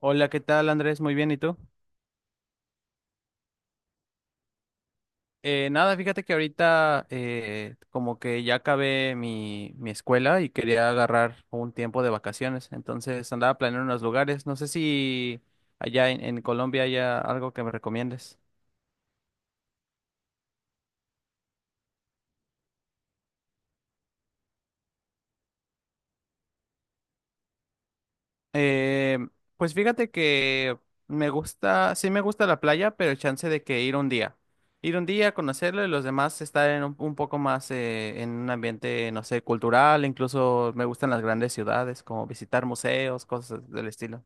Hola, ¿qué tal, Andrés? Muy bien, ¿y tú? Nada, fíjate que ahorita como que ya acabé mi escuela y quería agarrar un tiempo de vacaciones, entonces andaba planeando unos lugares. No sé si allá en Colombia haya algo que me recomiendes. Eh, pues fíjate que me gusta, sí me gusta la playa, pero el chance de que ir un día. Ir un día, conocerlo y los demás estar en un poco más en un ambiente, no sé, cultural. Incluso me gustan las grandes ciudades, como visitar museos, cosas del estilo.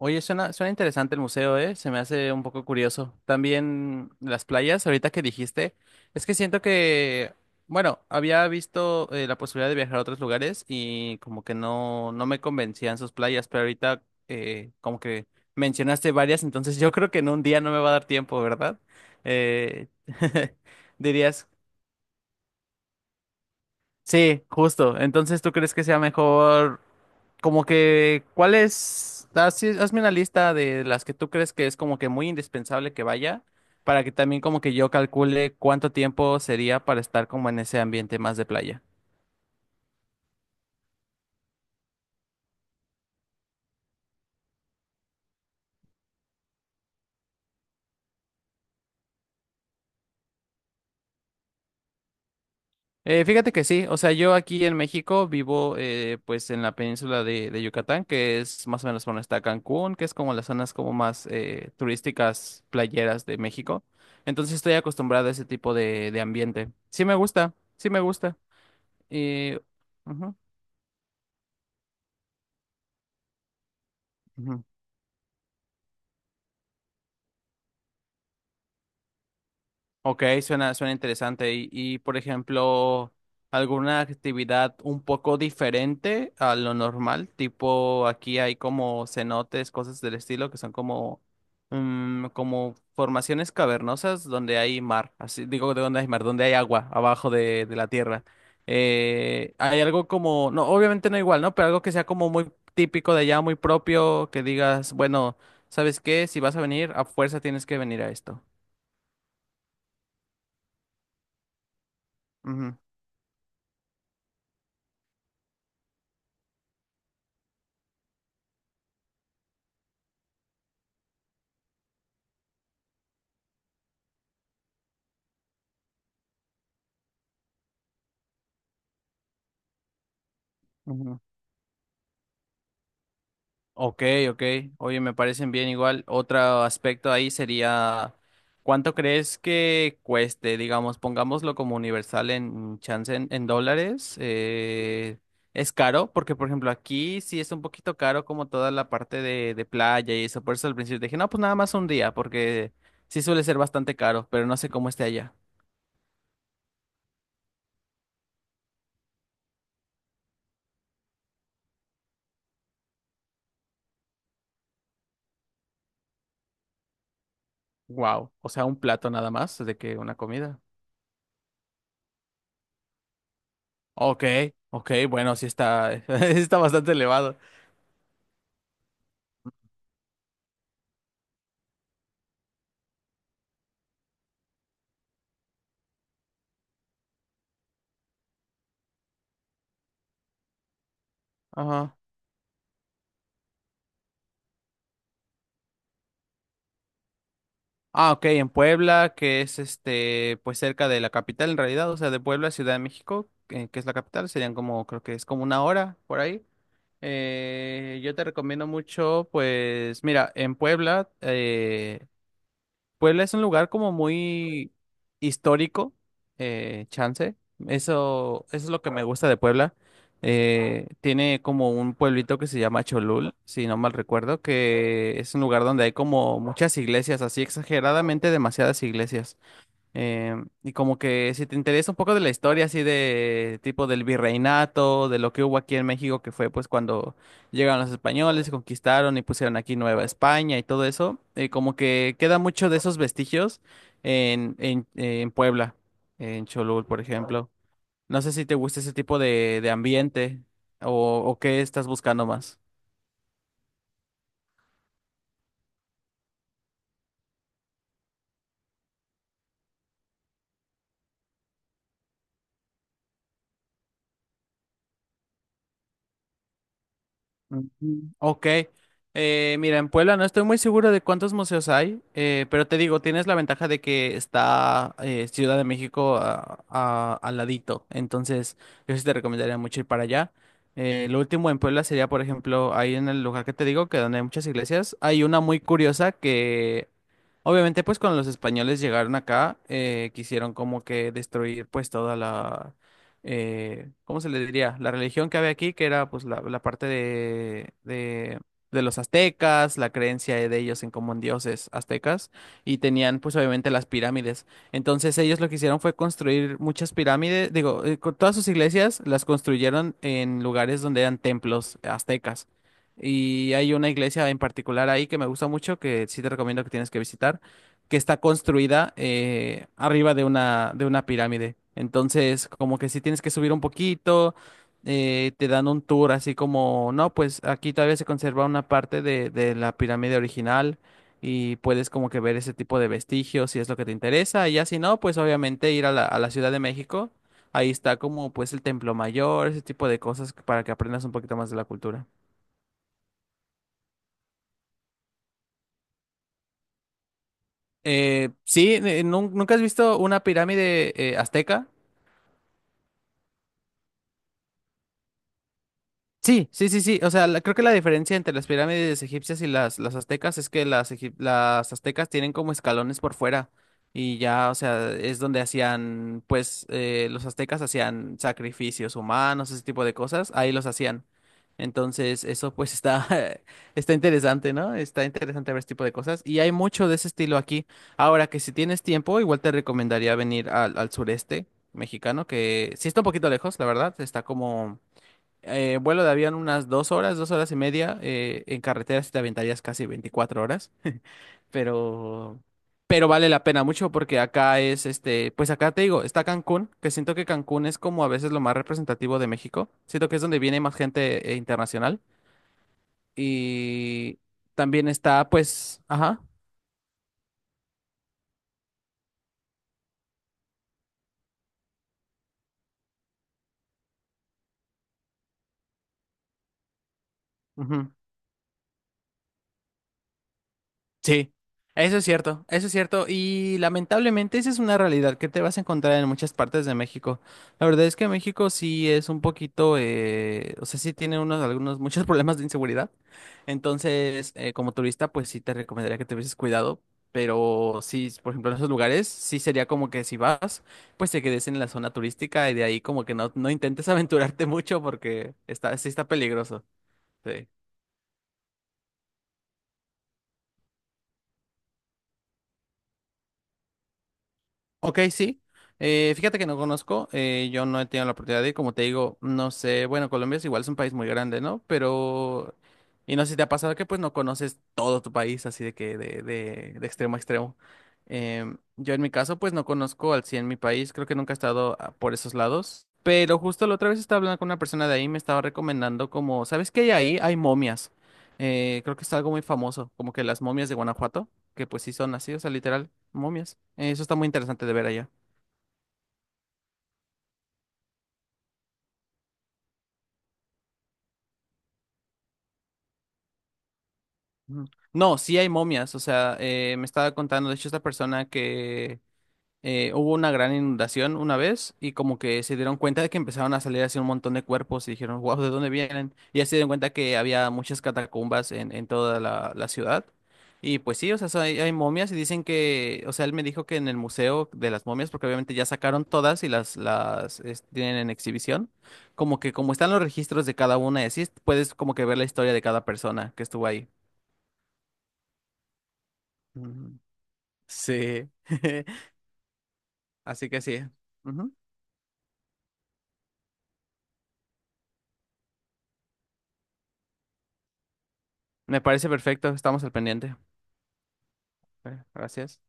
Oye, suena interesante el museo, ¿eh? Se me hace un poco curioso. También las playas, ahorita que dijiste, es que siento que, bueno, había visto la posibilidad de viajar a otros lugares y como que no, no me convencían sus playas, pero ahorita como que mencionaste varias, entonces yo creo que en un día no me va a dar tiempo, ¿verdad? Eh, Dirías, sí, justo. Entonces, ¿tú crees que sea mejor? Como que, ¿cuál es? Hazme una lista de las que tú crees que es como que muy indispensable que vaya, para que también como que yo calcule cuánto tiempo sería para estar como en ese ambiente más de playa. Fíjate que sí, o sea, yo aquí en México vivo pues en la península de Yucatán, que es más o menos donde está Cancún, que es como las zonas como más turísticas, playeras de México. Entonces estoy acostumbrado a ese tipo de ambiente. Sí me gusta, sí me gusta. Y... Ujú, ujú. Ok, suena interesante. Y, por ejemplo, alguna actividad un poco diferente a lo normal, tipo aquí hay como cenotes, cosas del estilo, que son como, mm, como formaciones cavernosas donde hay mar, así digo de donde hay mar, donde hay agua abajo de la tierra. Hay algo como, no, obviamente no igual, ¿no? Pero algo que sea como muy típico de allá, muy propio, que digas, bueno, ¿sabes qué? Si vas a venir, a fuerza tienes que venir a esto. Ujú, ujú. Ok, ok. Oye, me parecen bien igual. Otro aspecto ahí sería, ¿cuánto crees que cueste? Digamos, pongámoslo como universal en chance en dólares. Eh, es caro, porque por ejemplo aquí sí es un poquito caro como toda la parte de playa y eso. Por eso al principio dije, no, pues nada más un día, porque sí suele ser bastante caro, pero no sé cómo esté allá. Wow. O sea, un plato nada más de que una comida. Ok, ok, bueno, sí está, sí está bastante elevado. Ajá. Ah, ok, en Puebla, que es este, pues cerca de la capital en realidad, o sea, de Puebla, a Ciudad de México, que es la capital, serían como, creo que es como 1 hora por ahí. Yo te recomiendo mucho, pues, mira, en Puebla, Puebla es un lugar como muy histórico, chance. Eso es lo que me gusta de Puebla. Tiene como un pueblito que se llama Cholul, si no mal recuerdo, que es un lugar donde hay como muchas iglesias, así exageradamente demasiadas iglesias. Eh, y como que si te interesa un poco de la historia así de tipo del virreinato, de lo que hubo aquí en México, que fue pues cuando llegaron los españoles, conquistaron y pusieron aquí Nueva España y todo eso, como que queda mucho de esos vestigios en, en Puebla, en Cholul, por ejemplo. No sé si te gusta ese tipo de ambiente o qué estás buscando más. Ujú. Ok. Mira, en Puebla no estoy muy seguro de cuántos museos hay, pero te digo, tienes la ventaja de que está Ciudad de México al ladito. Entonces, yo sí te recomendaría mucho ir para allá. Lo último en Puebla sería, por ejemplo, ahí en el lugar que te digo, que donde hay muchas iglesias, hay una muy curiosa que obviamente, pues cuando los españoles llegaron acá, quisieron como que destruir pues toda la, ¿cómo se le diría? La religión que había aquí, que era pues la parte de los aztecas, la creencia de ellos en como en dioses aztecas, y tenían pues obviamente las pirámides. Entonces ellos lo que hicieron fue construir muchas pirámides, digo, todas sus iglesias las construyeron en lugares donde eran templos aztecas. Y hay una iglesia en particular ahí que me gusta mucho, que sí te recomiendo que tienes que visitar, que está construida arriba de una pirámide. Entonces, como que sí tienes que subir un poquito, te dan un tour así como, no, pues aquí todavía se conserva una parte de la pirámide original y puedes como que ver ese tipo de vestigios si es lo que te interesa. Y ya si no, pues obviamente ir a la Ciudad de México. Ahí está como pues el Templo Mayor, ese tipo de cosas para que aprendas un poquito más de la cultura. Sí, ¿nunca has visto una pirámide azteca? Sí, sí, sí, sí. O sea, creo que la diferencia entre las pirámides egipcias y las aztecas es que las aztecas tienen como escalones por fuera y ya, o sea, es donde hacían, pues, los aztecas hacían sacrificios humanos, ese tipo de cosas, ahí los hacían. Entonces, eso pues está, está interesante, ¿no? Está interesante ver ese tipo de cosas y hay mucho de ese estilo aquí. Ahora que si tienes tiempo, igual te recomendaría venir al, al sureste mexicano, que sí está un poquito lejos, la verdad, está como vuelo de avión unas 2 horas, 2 horas y media. En carretera sí te aventarías casi 24 horas, pero, pero vale la pena mucho porque acá es, este, pues acá te digo, está Cancún, que siento que Cancún es como a veces lo más representativo de México. Siento que es donde viene más gente internacional. Y también está, pues, ajá. Ujú. Sí, eso es cierto, eso es cierto. Y lamentablemente esa es una realidad que te vas a encontrar en muchas partes de México. La verdad es que México sí es un poquito, o sea, sí tiene unos, algunos, muchos problemas de inseguridad. Entonces, como turista, pues sí te recomendaría que te hubieses cuidado. Pero sí, por ejemplo, en esos lugares, sí sería como que si vas, pues te quedes en la zona turística y de ahí como que no, no intentes aventurarte mucho porque está, sí está peligroso. Sí. Ok, sí. Fíjate que no conozco, yo no he tenido la oportunidad de ir, como te digo, no sé, bueno, Colombia es igual, es un país muy grande, ¿no? Pero, y no sé si te ha pasado que pues no conoces todo tu país, así de que de extremo a extremo. Yo en mi caso pues no conozco al 100 mi país, creo que nunca he estado por esos lados, pero justo la otra vez estaba hablando con una persona de ahí, y me estaba recomendando como, ¿sabes qué hay ahí? Hay momias. Creo que es algo muy famoso, como que las momias de Guanajuato, que pues sí son así, o sea, literal. Momias. Eso está muy interesante de ver allá. Ujú. No, sí hay momias. O sea, me estaba contando, de hecho, esta persona que hubo una gran inundación una vez y como que se dieron cuenta de que empezaron a salir así un montón de cuerpos y dijeron, wow, ¿de dónde vienen? Y ya se dieron cuenta que había muchas catacumbas en, toda la ciudad. Y pues sí, o sea, hay momias y dicen que, o sea, él me dijo que en el museo de las momias, porque obviamente ya sacaron todas y tienen en exhibición, como que como están los registros de cada una y así, puedes como que ver la historia de cada persona que estuvo ahí. Mm. Sí, así que sí. Ujú. Me parece perfecto, estamos al pendiente. Bueno, gracias.